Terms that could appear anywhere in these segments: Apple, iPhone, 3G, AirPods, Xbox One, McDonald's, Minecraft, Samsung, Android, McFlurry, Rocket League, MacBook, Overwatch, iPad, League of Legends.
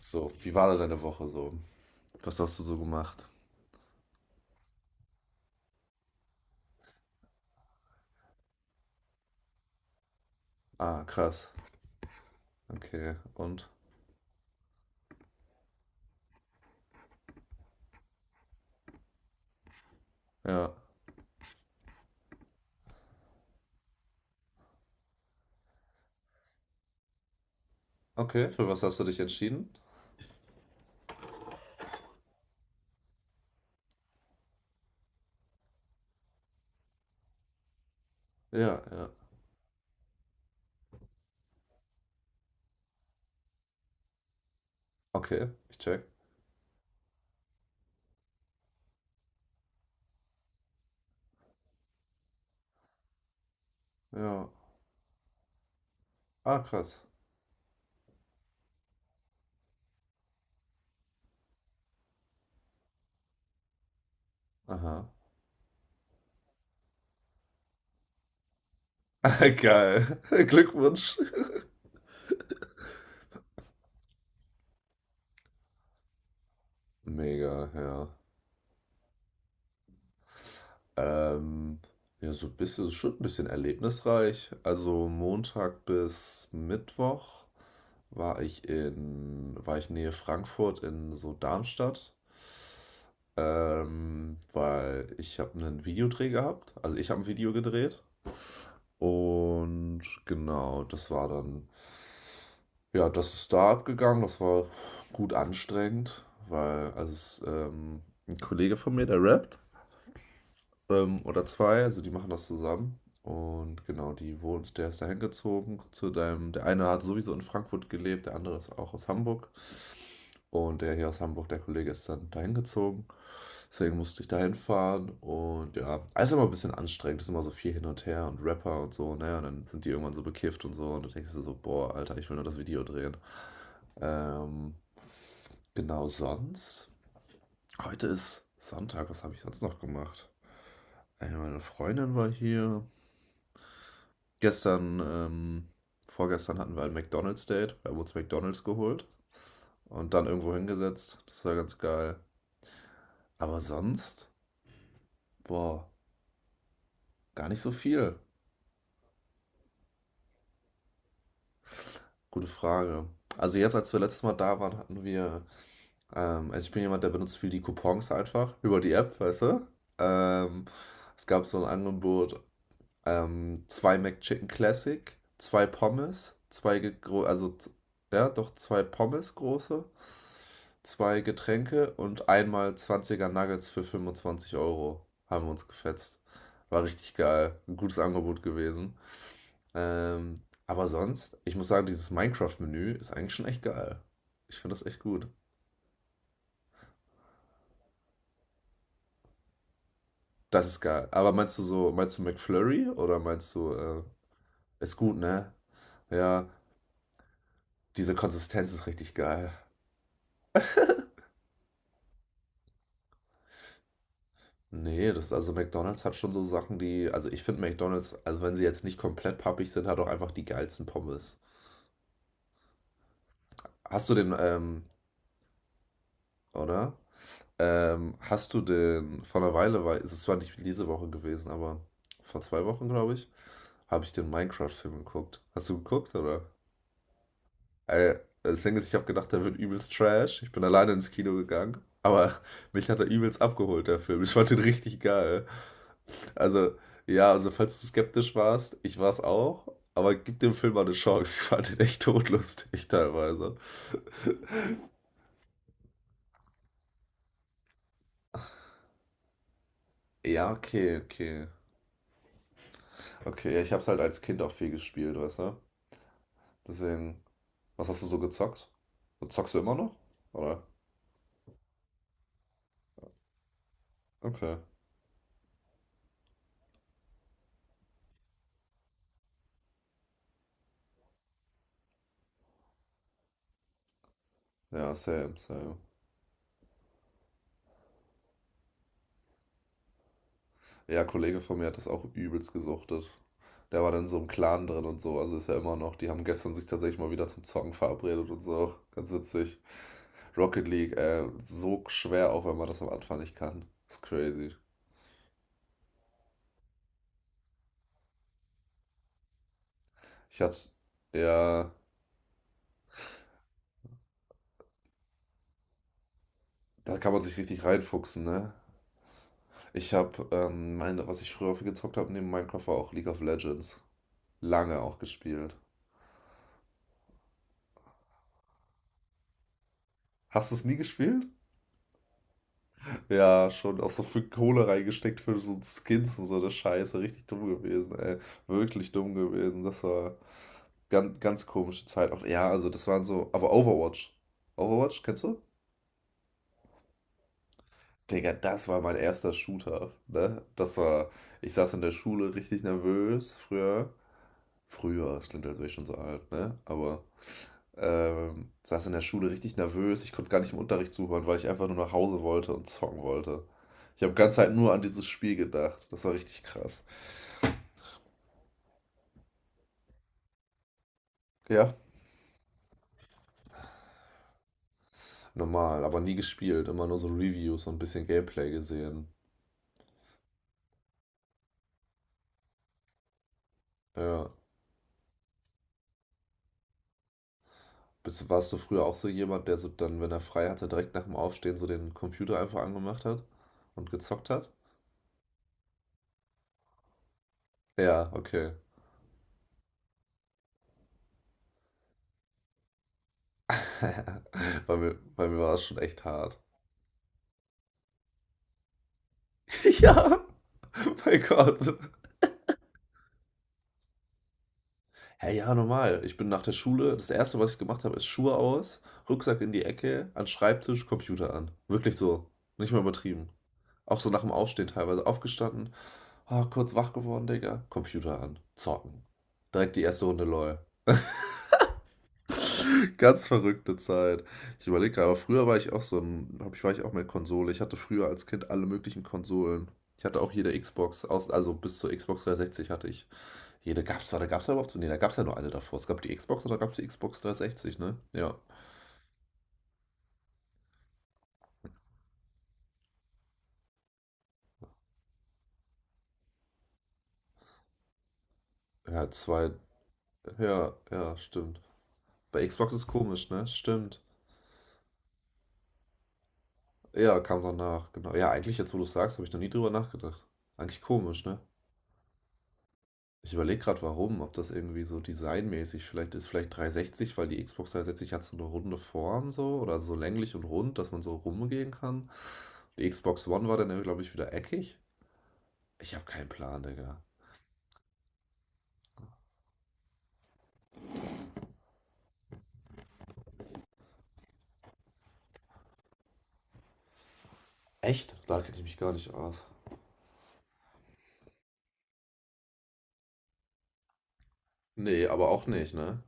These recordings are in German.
So, wie war da deine Woche so? Was hast du so gemacht? Ah, krass. Okay, und? Ja. Okay, für was hast du dich entschieden? Ja, ja. Okay, ich check. Ja. Ah, krass. Aha. Geil. Glückwunsch. Mega, ja. Ähm, ja, so ein bisschen, schon ein bisschen erlebnisreich. Also Montag bis Mittwoch war ich Nähe Frankfurt in so Darmstadt, weil ich habe einen Videodreh gehabt. Also ich habe ein Video gedreht und genau, das war dann, ja, das ist da abgegangen. Das war gut anstrengend, weil ein Kollege von mir, der rappt, oder zwei, also die machen das zusammen. Und genau, der ist da hingezogen zu deinem, der eine hat sowieso in Frankfurt gelebt, der andere ist auch aus Hamburg. Und der hier aus Hamburg, der Kollege, ist dann dahin gezogen. Deswegen musste ich dahin fahren. Und ja, alles immer ein bisschen anstrengend. Es ist immer so viel hin und her und Rapper und so. Naja, und dann sind die irgendwann so bekifft und so. Und dann denkst du so, boah, Alter, ich will nur das Video drehen. Ähm, genau sonst. Heute ist Sonntag. Was habe ich sonst noch gemacht? Ey, meine Freundin war hier. Gestern, ähm, Vorgestern hatten wir ein McDonald's-Date. Wir haben uns McDonald's geholt und dann irgendwo hingesetzt. Das war ganz geil. Aber sonst, boah. Gar nicht so viel. Gute Frage. Also jetzt, als wir letztes Mal da waren, also ich bin jemand, der benutzt viel die Coupons einfach über die App, weißt du? Ähm, Es gab so ein Angebot, zwei McChicken Classic, zwei Pommes, zwei, ge- gro- also z- ja, doch zwei Pommes große, zwei Getränke und einmal 20er Nuggets für 25 Euro. Haben wir uns gefetzt. War richtig geil. Ein gutes Angebot gewesen. Ähm, aber sonst, ich muss sagen, dieses Minecraft-Menü ist eigentlich schon echt geil. Ich finde das echt gut. Das ist geil. Aber meinst du so, meinst du McFlurry ist gut, ne? Ja, diese Konsistenz ist richtig geil. Nee, das also McDonald's hat schon so Sachen, die, also ich finde McDonald's, also wenn sie jetzt nicht komplett pappig sind, hat auch einfach die geilsten Pommes. Hast du den, ähm, oder? Hast du denn vor einer Weile, weil es ist zwar nicht diese Woche gewesen, aber vor zwei Wochen, glaube ich, habe ich den Minecraft-Film geguckt. Hast du geguckt, oder? Ey, das Ding ist, ich habe gedacht, der wird übelst trash. Ich bin alleine ins Kino gegangen, aber mich hat er übelst abgeholt, der Film. Ich fand den richtig geil. Also, ja, also falls du skeptisch warst, ich war es auch, aber gib dem Film mal eine Chance. Ich fand den echt todlustig teilweise. Ja, okay, okay. Okay, ja, ich habe es halt als Kind auch viel gespielt, weißt du? Deswegen, was hast du so gezockt? Zockst du immer noch? Oder? Okay. Ja, same. Ja, ein Kollege von mir hat das auch übelst gesuchtet. Der war dann in so einem Clan drin und so, also ist ja immer noch. Die haben gestern sich tatsächlich mal wieder zum Zocken verabredet und so. Ganz witzig. Rocket League, so schwer, auch wenn man das am Anfang nicht kann. Ist crazy. Ich hatte, ja, da kann man sich richtig reinfuchsen, ne? Was ich früher viel gezockt habe neben Minecraft war auch League of Legends. Lange auch gespielt. Hast du es nie gespielt? Ja, schon auch so viel Kohle reingesteckt für so Skins und so eine Scheiße. Richtig dumm gewesen, ey. Wirklich dumm gewesen. Das war ganz komische Zeit. Auch, ja, also das waren so. Aber Overwatch. Overwatch, kennst du? Digga, das war mein erster Shooter, ne? Das war. Ich saß in der Schule richtig nervös früher. Früher, das klingt, als wäre ich schon so alt, ne? Aber saß in der Schule richtig nervös. Ich konnte gar nicht im Unterricht zuhören, weil ich einfach nur nach Hause wollte und zocken wollte. Ich habe die ganze Zeit nur an dieses Spiel gedacht. Das war richtig krass. Ja, normal, aber nie gespielt. Immer nur so Reviews und ein bisschen Gameplay gesehen. Ja. Warst du früher auch so jemand, der so dann, wenn er frei hatte, direkt nach dem Aufstehen so den Computer einfach angemacht hat und gezockt hat? Ja, okay. Bei mir war es schon echt hart. Ja, mein Gott. Hey, ja, normal. Ich bin nach der Schule, das Erste, was ich gemacht habe, ist Schuhe aus, Rucksack in die Ecke, an den Schreibtisch, Computer an. Wirklich so. Nicht mal übertrieben. Auch so nach dem Aufstehen teilweise aufgestanden. Ah, kurz wach geworden, Digga. Computer an. Zocken. Direkt die erste Runde LOL. Ganz verrückte Zeit. Ich überlege gerade, aber früher war ich auch so war ich auch mit Konsole. Ich hatte früher als Kind alle möglichen Konsolen. Ich hatte auch jede Xbox, also bis zur Xbox 360 hatte ich hier, da gab es da gab's ja überhaupt so. Nee, da gab es ja nur eine davor. Es gab die Xbox und da gab es die Xbox 360, ne? Ja. Ja, zwei. Ja, ja, stimmt. Bei Xbox ist komisch, ne? Stimmt. Ja, kam danach, genau. Ja, eigentlich, jetzt wo du sagst, habe ich noch nie drüber nachgedacht. Eigentlich komisch, ne? Ich überlege gerade, warum, ob das irgendwie so designmäßig vielleicht ist. Vielleicht 360, weil die Xbox 360 hat so eine runde Form so oder so länglich und rund, dass man so rumgehen kann. Die Xbox One war dann, glaube ich, wieder eckig. Ich habe keinen Plan, Digga. Echt? Da kenne ich mich gar nicht aus. Nee, aber auch nicht, ne?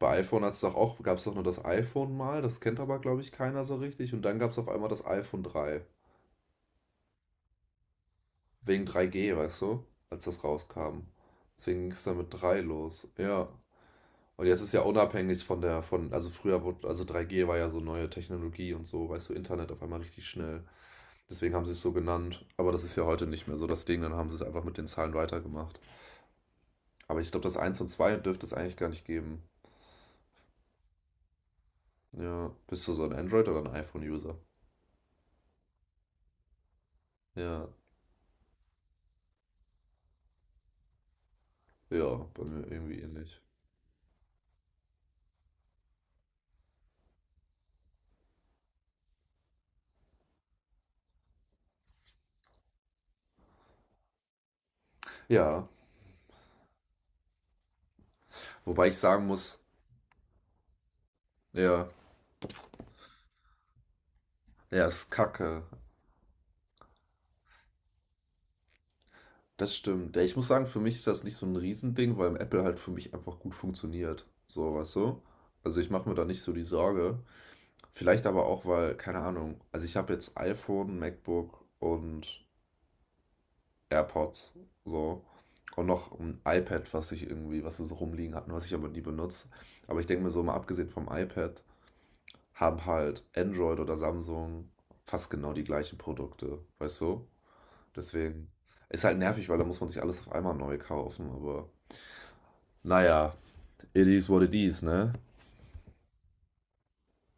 Bei iPhone hat's doch auch gab es doch nur das iPhone mal, das kennt aber, glaube ich, keiner so richtig. Und dann gab es auf einmal das iPhone drei. Wegen 3G, weißt du? Als das rauskam. Deswegen ging es dann mit 3 los. Ja. Und jetzt ist ja unabhängig also früher wurde, also 3G war ja so neue Technologie und so, weißt du, Internet auf einmal richtig schnell. Deswegen haben sie es so genannt. Aber das ist ja heute nicht mehr so das Ding, dann haben sie es einfach mit den Zahlen weitergemacht. Aber ich glaube, das eins und 2 dürfte es eigentlich gar nicht geben. Ja. Bist du so ein Android- oder ein iPhone-User? Ja. Ja, bei mir irgendwie ähnlich. Ja, wobei ich sagen muss, ja, ja, ist kacke. Das stimmt. Ja, ich muss sagen, für mich ist das nicht so ein Riesending, weil Apple halt für mich einfach gut funktioniert. So, weißt du? Also ich mache mir da nicht so die Sorge. Vielleicht aber auch, weil, keine Ahnung, also ich habe jetzt iPhone, MacBook und AirPods. So. Und noch ein iPad, was ich irgendwie, was wir so rumliegen hatten, was ich aber nie benutze. Aber ich denke mir so, mal abgesehen vom iPad, haben halt Android oder Samsung fast genau die gleichen Produkte, weißt du? Deswegen ist halt nervig, weil da muss man sich alles auf einmal neu kaufen, aber naja, it is what it is, ne?